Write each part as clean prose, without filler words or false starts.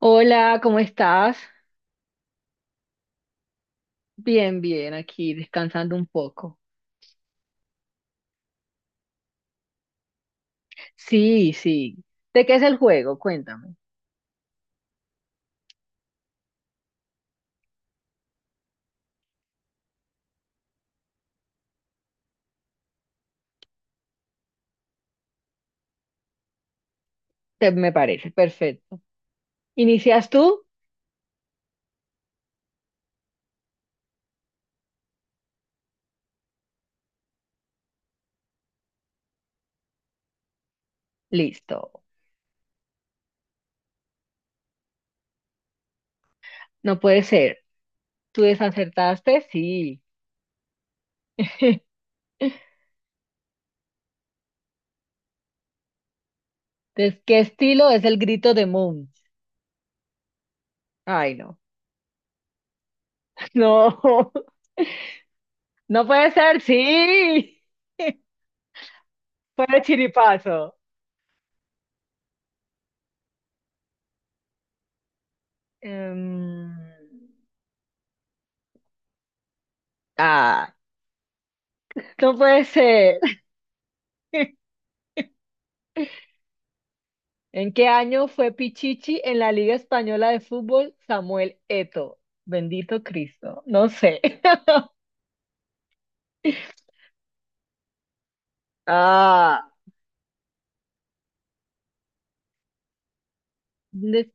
Hola, ¿cómo estás? Bien, bien, aquí descansando un poco. Sí, sí. ¿De qué es el juego? Cuéntame. Me parece perfecto. ¿Inicias tú? Listo. No puede ser. ¿Tú desacertaste? Sí. Entonces, ¿qué estilo es el grito de Moon? Ay, no. No. No puede ser. Sí. Fue de chiripazo. Em, ah, no puede ser. ¿En qué año fue Pichichi en la Liga Española de Fútbol Samuel Eto? Bendito Cristo. No sé. Ah, de-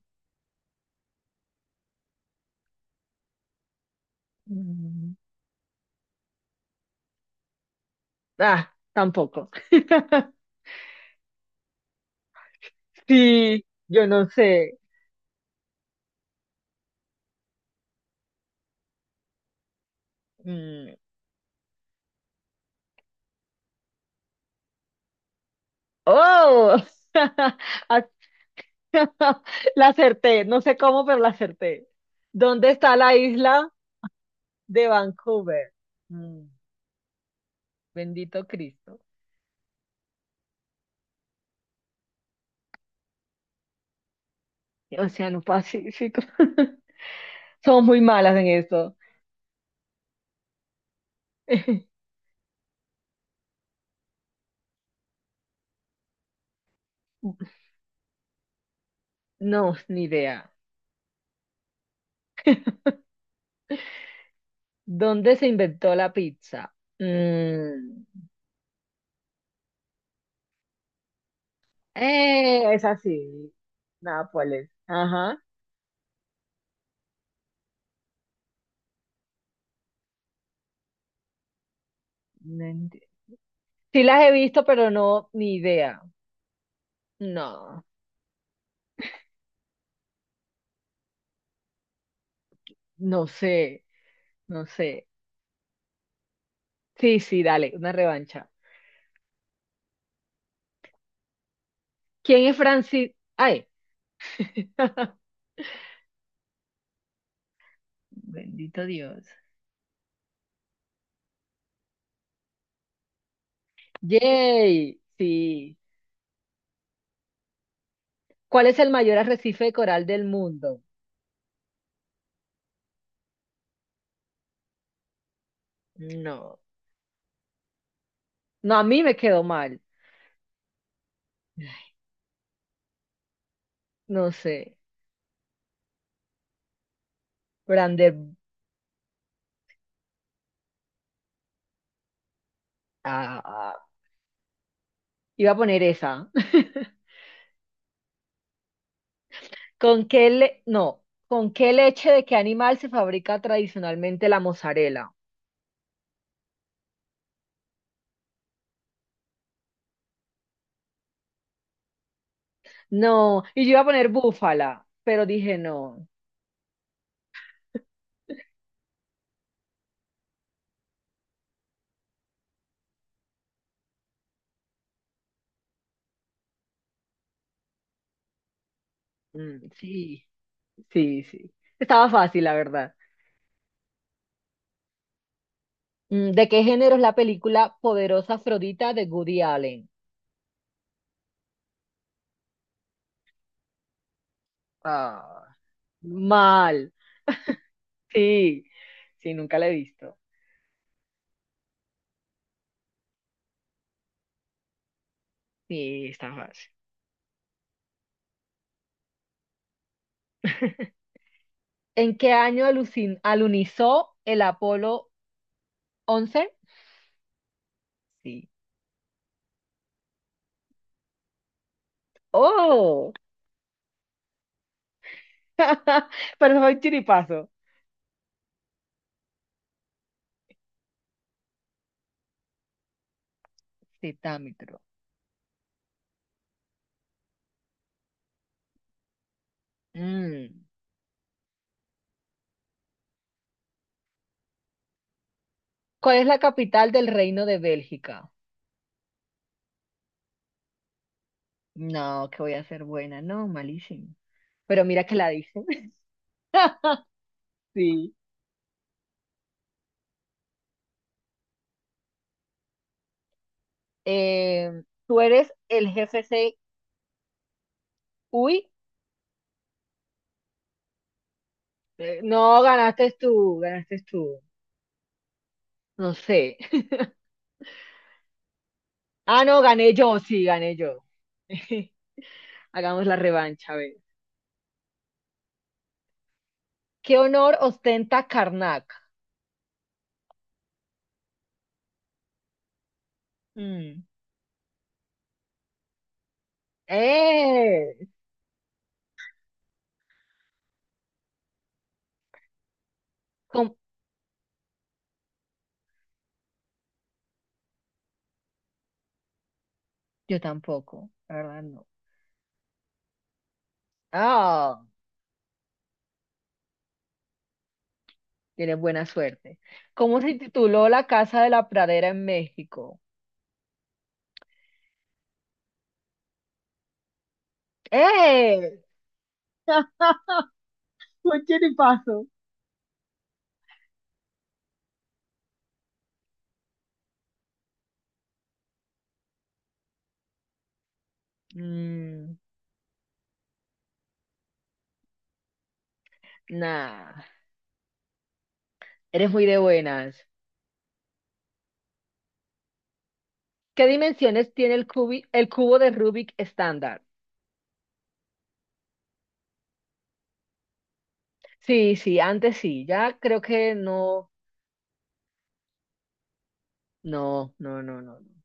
mm, Tampoco. Sí, yo no sé. Mm, Oh, Ah, la acerté. No sé cómo, pero la acerté. ¿Dónde está la isla de Vancouver? Mm, Bendito Cristo. Océano Pacífico. Somos muy malas en esto. No, ni idea. ¿Dónde se inventó la pizza? Mm, es así. Nápoles. Ajá. No enti- Sí las he visto, pero no, ni idea. No, no sé, no sé. Sí, sí, dale, una revancha. ¿Quién es Francis? Ay. Bendito Dios. Yay, sí. ¿Cuál es el mayor arrecife de coral del mundo? No, no, a mí me quedó mal. No sé. Brander. ah, ah, Iba a poner esa. No. ¿Con qué leche de qué animal se fabrica tradicionalmente la mozzarella? No. Y yo iba a poner búfala, pero dije no. Sí, sí, sí. Estaba fácil, la verdad. ¿De qué género es la película Poderosa Afrodita de Woody Allen? Ah, mal. Sí, sí, nunca la he visto. Sí, está fácil. ¿En qué año alunizó el Apolo once? Sí. ¡Oh! Pero soy chiripazo. Citámitro. Mm. ¿Cuál es la capital del Reino de Bélgica? No, que voy a ser buena. No, malísimo. Pero mira que la dije. Sí. Eh, ¿Tú eres el jefe C? Uy. No, ganaste tú, ganaste tú. No sé. Ah, no, gané yo, sí, gané yo. Hagamos la revancha, a ver. ¿Qué honor ostenta Karnak? Mm. ¡Eh! ¿Cómo? Yo tampoco, la verdad no. Ah, tienes buena suerte. ¿Cómo se tituló La Casa de la Pradera en México? ¡Eh! Fue chiripazo. Mm, nah, Eres muy de buenas. ¿Qué dimensiones tiene el el cubo de Rubik estándar? Sí, sí, antes sí, ya creo que no.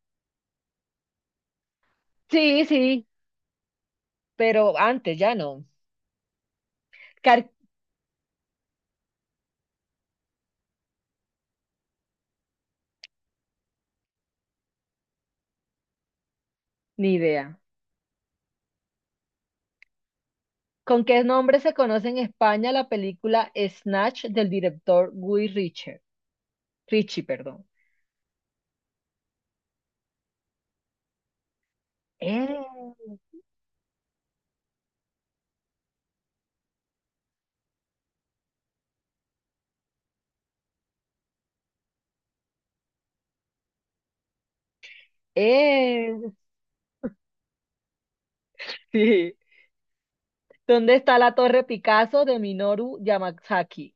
Sí, sí, pero antes ya no. Ni idea. ¿Con qué nombre se conoce en España la película Snatch del director Guy Ritchie? Ritchie, perdón. Eh, eh, sí. ¿Dónde está la Torre Picasso de Minoru Yamasaki?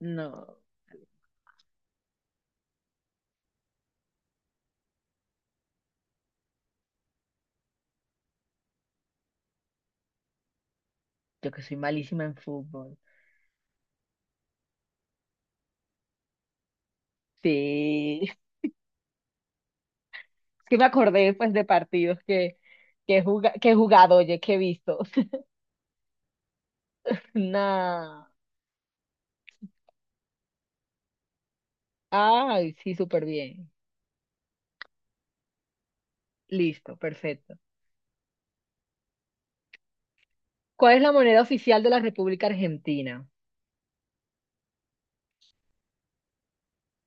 No, yo que soy malísima en fútbol. Sí, es que me acordé pues de partidos que he jugado, oye, que he visto. Nah. Ay, sí, súper bien. Listo, perfecto. ¿Cuál es la moneda oficial de la República Argentina?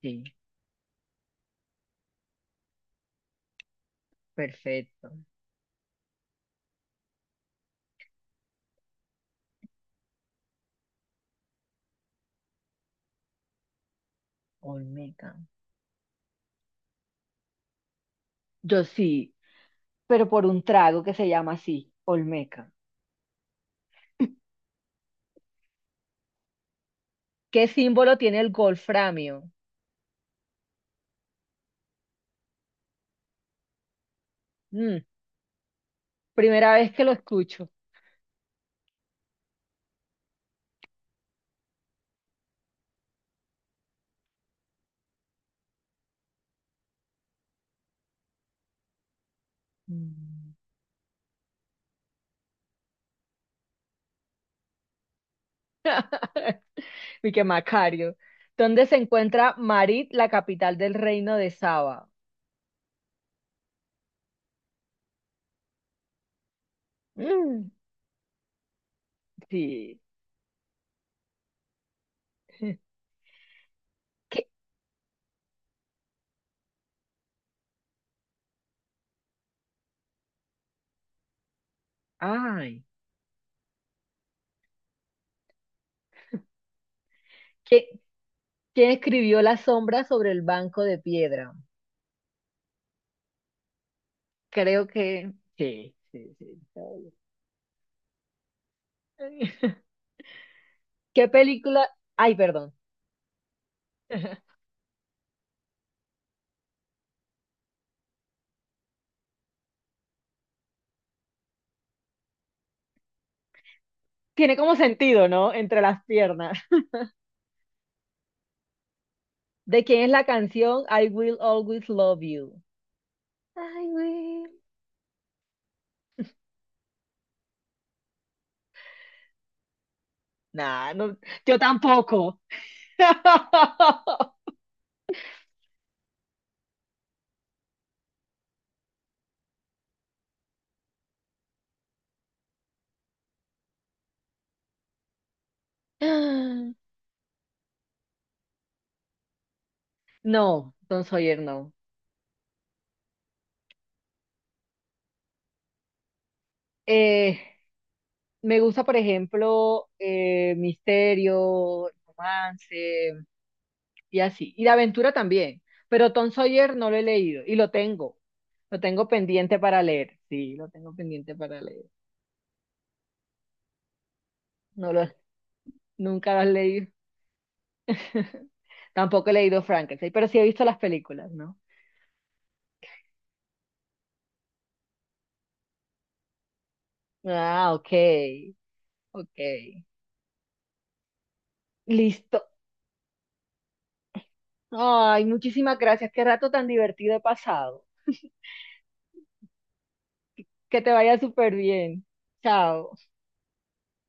Sí, perfecto. Olmeca. Yo sí, pero por un trago que se llama así, Olmeca. ¿Qué símbolo tiene el golframio? Mm, Primera vez que lo escucho. Mm. Y que Macario. ¿Dónde se encuentra Marit, la capital del reino de Saba? Mm, Sí. ¿Qué- Ay, qué- ¿Quién escribió La sombra sobre el banco de piedra? Creo que Sí, sí, sí. ¿Qué película? Ay, perdón. Tiene como sentido, ¿no? Entre las piernas. ¿De quién es la canción I Will Always Love You? I will. Nah, no, yo tampoco. No, Don Sawyer no. Eh, Me gusta, por ejemplo, misterio, romance y así. Y de aventura también. Pero Tom Sawyer no lo he leído y lo tengo. Lo tengo pendiente para leer. Sí, lo tengo pendiente para leer. No lo, Nunca las leí. Tampoco he leído Frankenstein, pero sí he visto las películas, ¿no? Ah, ok, ok. Listo. Ay, muchísimas gracias. Qué rato tan divertido he pasado. Que te vaya súper bien. Chao.